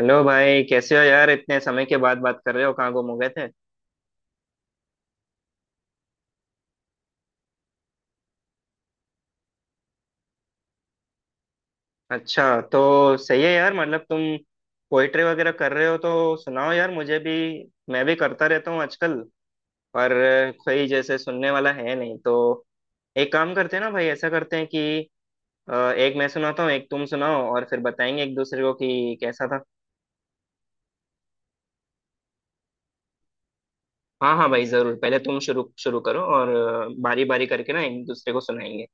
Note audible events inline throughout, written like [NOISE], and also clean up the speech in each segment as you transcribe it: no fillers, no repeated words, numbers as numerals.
Hello भाई, कैसे हो यार? इतने समय के बाद बात कर रहे हो, कहाँ गुम हो गए थे। अच्छा, तो सही है यार। मतलब तुम पोइट्री वगैरह कर रहे हो तो सुनाओ यार, मुझे भी। मैं भी करता रहता हूँ आजकल, पर कोई जैसे सुनने वाला है नहीं। तो एक काम करते हैं ना भाई, ऐसा करते हैं कि एक मैं सुनाता हूँ, एक तुम सुनाओ, और फिर बताएंगे एक दूसरे को कि कैसा था। हाँ हाँ भाई, जरूर। पहले तुम शुरू शुरू करो, और बारी बारी करके ना एक दूसरे को सुनाएंगे।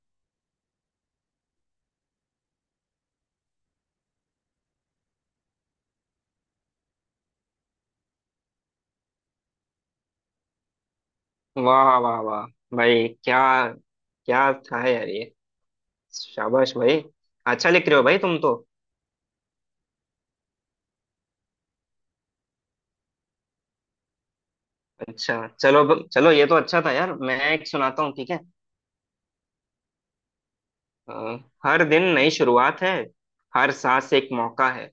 वाह वाह वाह भाई, क्या क्या था यार ये। शाबाश भाई, अच्छा लिख रहे हो भाई तुम तो। अच्छा, चलो, ये तो अच्छा था यार। मैं एक सुनाता हूँ, ठीक है। अ, हर दिन नई शुरुआत है, हर सांस एक मौका है।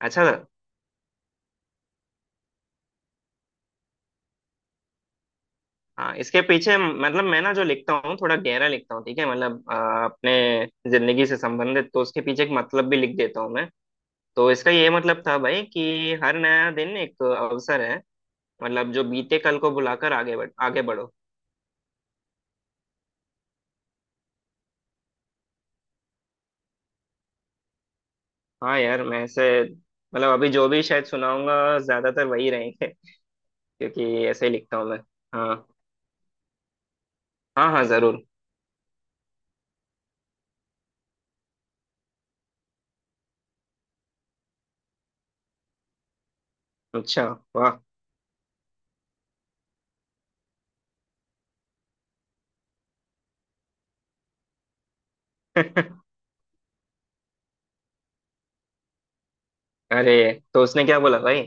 अच्छा। हाँ, इसके पीछे मतलब मैं ना जो लिखता हूँ थोड़ा गहरा लिखता हूँ, ठीक है। मतलब अपने जिंदगी से संबंधित, तो उसके पीछे एक मतलब भी लिख देता हूँ मैं। तो इसका ये मतलब था भाई कि हर नया दिन एक अवसर है। मतलब जो बीते कल को भुलाकर आगे बढ़ो। हाँ यार, मैं ऐसे मतलब अभी जो भी शायद सुनाऊंगा, ज्यादातर वही रहेंगे, क्योंकि ऐसे ही लिखता हूँ मैं। हाँ हाँ हाँ, जरूर। अच्छा। वाह। [LAUGHS] अरे, तो उसने क्या बोला भाई?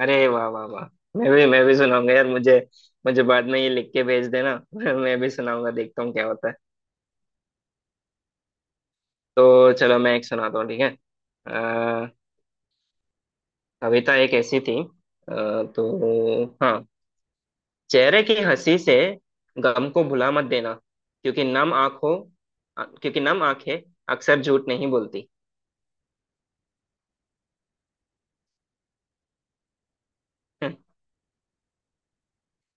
अरे वाह वाह वाह, मैं भी सुनाऊंगा यार। मुझे मुझे बाद में ये लिख के भेज देना। [LAUGHS] मैं भी सुनाऊंगा, देखता हूँ क्या होता है। तो चलो, मैं एक सुनाता हूँ, ठीक है। अ, कविता एक ऐसी थी, तो हाँ, चेहरे की हंसी से गम को भुला मत देना, क्योंकि नम आंखों क्योंकि नम आंखें अक्सर झूठ नहीं बोलती। [LAUGHS]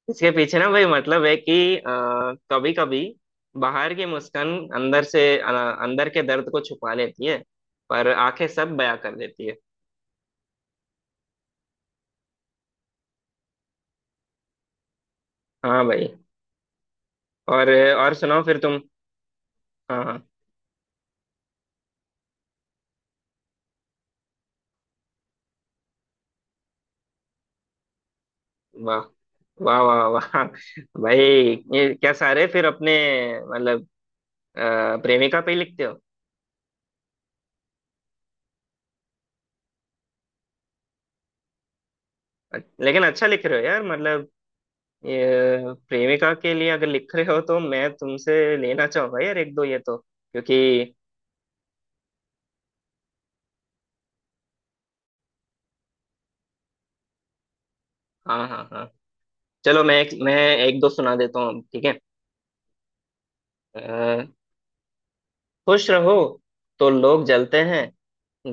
इसके पीछे ना भाई मतलब है कि कभी कभी बाहर की मुस्कान अंदर अंदर के दर्द को छुपा लेती है, पर आंखें सब बयां कर देती है। हाँ भाई। और और सुनाओ फिर तुम। हाँ हाँ। वाह वाह वाह वाह भाई। ये क्या, सारे फिर अपने मतलब प्रेमिका पे ही लिखते हो? लेकिन अच्छा लिख रहे हो यार। मतलब ये प्रेमिका के लिए अगर लिख रहे हो तो मैं तुमसे लेना चाहूंगा यार एक दो ये तो, क्योंकि। हाँ हाँ हाँ। चलो, मैं एक दो सुना देता हूँ, ठीक है। अ, खुश रहो तो लोग जलते हैं,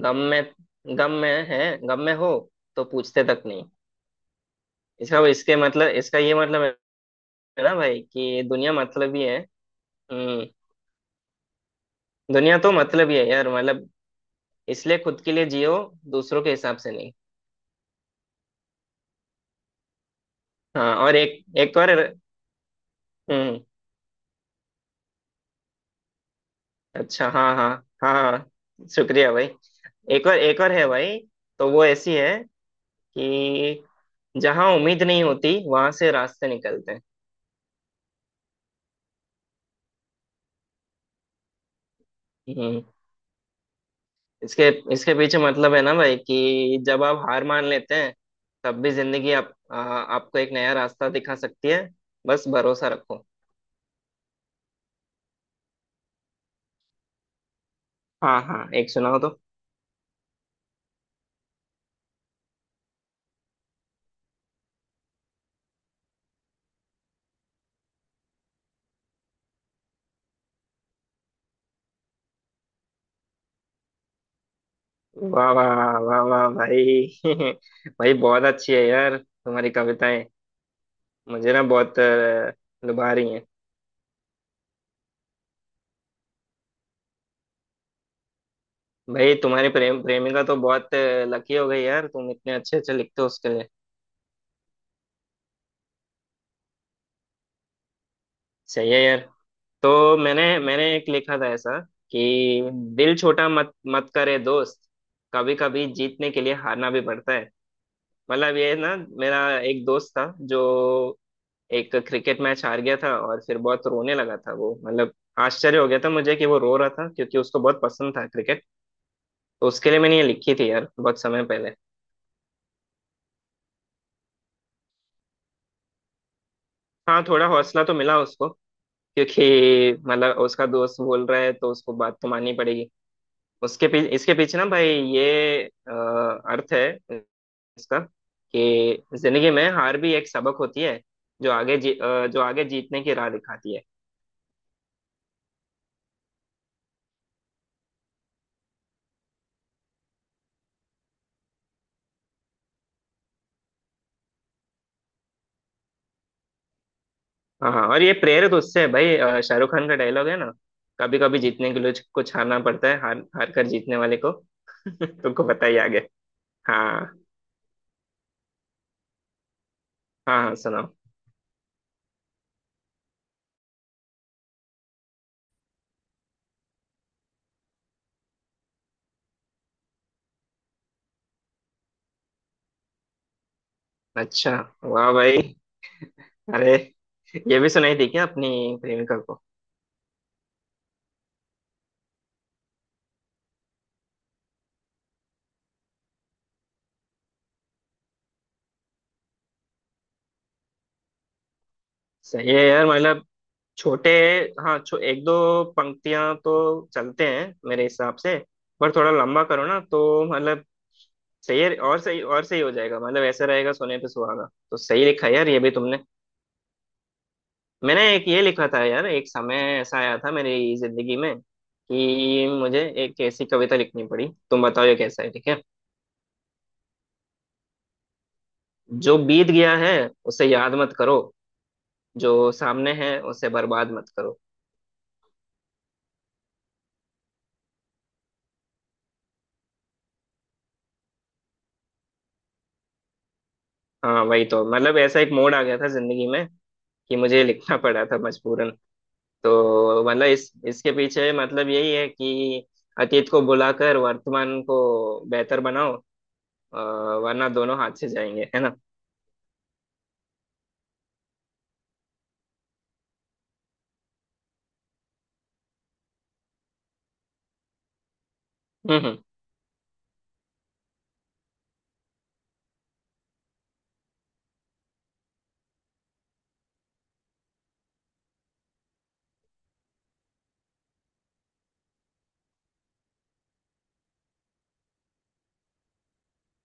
गम में, गम में है गम में हो तो पूछते तक नहीं। इसका ये मतलब है ना भाई कि दुनिया मतलब ही है। हम्म दुनिया तो मतलब ही है यार। मतलब इसलिए खुद के लिए जियो, दूसरों के हिसाब से नहीं। हाँ, और एक, एक और। हम्म अच्छा, हाँ हाँ। हाँ हाँ, शुक्रिया भाई। एक और, एक और है भाई। तो वो ऐसी है कि जहाँ उम्मीद नहीं होती वहां से रास्ते निकलते हैं। हम्म इसके इसके पीछे मतलब है ना भाई, कि जब आप हार मान लेते हैं तब भी जिंदगी आपको एक नया रास्ता दिखा सकती है, बस भरोसा रखो। हाँ हाँ, एक सुनाओ तो। वाह वाह वाह वाह भाई। [LAUGHS] भाई बहुत अच्छी है यार तुम्हारी कविताएं। मुझे ना बहुत लुभा रही हैं। भाई तुम्हारी प्रेमिका तो बहुत लकी हो गई यार, तुम इतने अच्छे अच्छे लिखते हो उसके लिए। सही है यार। तो मैंने मैंने एक लिखा था ऐसा, कि दिल छोटा मत मत करे दोस्त, कभी कभी जीतने के लिए हारना भी पड़ता है। मतलब ये ना, मेरा एक दोस्त था जो एक क्रिकेट मैच हार गया था और फिर बहुत रोने लगा था वो। मतलब आश्चर्य हो गया था मुझे कि वो रो रहा था, क्योंकि उसको बहुत पसंद था क्रिकेट। तो उसके लिए मैंने ये लिखी थी यार, बहुत समय पहले। हाँ, थोड़ा हौसला तो मिला उसको, क्योंकि मतलब उसका दोस्त बोल रहा है तो उसको बात तो माननी पड़ेगी। उसके पीछे इसके पीछे ना भाई ये अ, अर्थ है इसका, कि जिंदगी में हार भी एक सबक होती है, जो जो आगे जीतने की राह दिखाती है। हाँ हाँ, और ये प्रेरित उससे है भाई। शाहरुख खान का डायलॉग है ना, कभी कभी जीतने के लिए कुछ हारना पड़ता है, हार हार कर जीतने वाले को। [LAUGHS] तुमको पता ही आगे। हाँ हाँ। हाँ सुनाओ। अच्छा, वाह भाई। अरे, ये भी सुनाई थी क्या अपनी प्रेमिका को? सही है यार। मतलब छोटे, हाँ, एक दो पंक्तियां तो चलते हैं मेरे हिसाब से, पर थोड़ा लंबा करो ना तो मतलब सही है और सही हो जाएगा। मतलब ऐसा रहेगा सोने पे सुहागा। तो सही लिखा है यार, ये भी तुमने। मैंने एक ये लिखा था यार, एक समय ऐसा आया था मेरी जिंदगी में कि मुझे एक ऐसी कविता लिखनी पड़ी। तुम बताओ ये कैसा है, ठीक है। जो बीत गया है उसे याद मत करो, जो सामने है उसे बर्बाद मत करो। हाँ वही तो मतलब, ऐसा एक मोड़ आ गया था जिंदगी में कि मुझे लिखना पड़ा था मजबूरन। तो मतलब इस इसके पीछे मतलब यही है कि अतीत को बुलाकर वर्तमान को बेहतर बनाओ, अ, वरना दोनों हाथ से जाएंगे, है ना। हम्म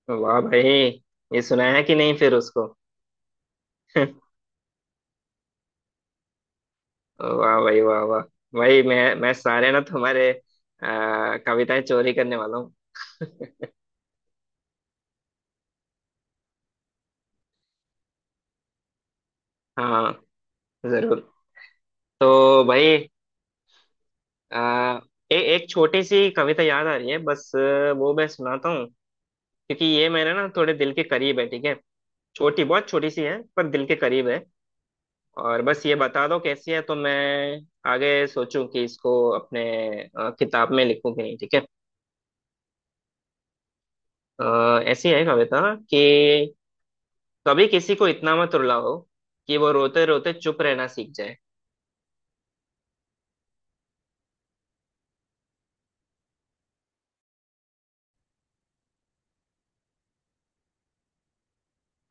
वाह भाई। ये सुनाया है कि नहीं फिर उसको? [LAUGHS] वाह भाई, वाह वाह। भाई, मैं सारे ना तुम्हारे कविताएं चोरी करने वाला हूँ। हाँ जरूर। तो भाई आ, एक छोटी सी कविता याद आ रही है बस। वो मैं सुनाता हूँ क्योंकि ये मेरे ना थोड़े दिल के करीब है, ठीक है। छोटी बहुत छोटी सी है पर दिल के करीब है। और बस ये बता दो कैसी है, तो मैं आगे सोचूं कि इसको अपने किताब में लिखूं कि नहीं, ठीक है। ऐसी है कविता, कि कभी किसी को इतना मत रुलाओ कि वो रोते रोते चुप रहना सीख जाए।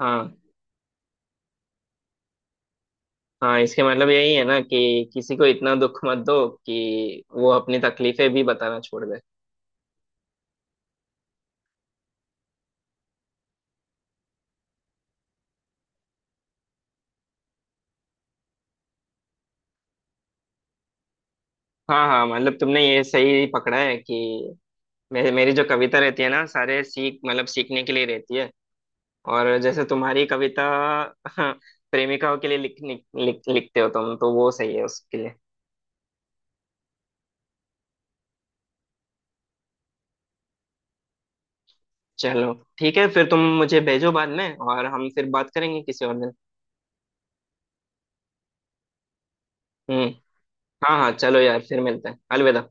हाँ, हाँ इसके मतलब यही है ना कि किसी को इतना दुख मत दो कि वो अपनी तकलीफें भी बताना छोड़ दे। हाँ हाँ, मतलब तुमने ये सही पकड़ा है कि मेरे मेरी जो कविता रहती है ना सारे सीख मतलब सीखने के लिए रहती है। और जैसे तुम्हारी कविता [LAUGHS] प्रेमिकाओं के लिए लिख, लिख, लिख, लिखते हो तुम, तो वो सही है उसके लिए। चलो, ठीक है फिर। तुम मुझे भेजो बाद में, और हम फिर बात करेंगे किसी और दिन। हम्म हाँ हाँ, चलो यार फिर मिलते हैं। अलविदा।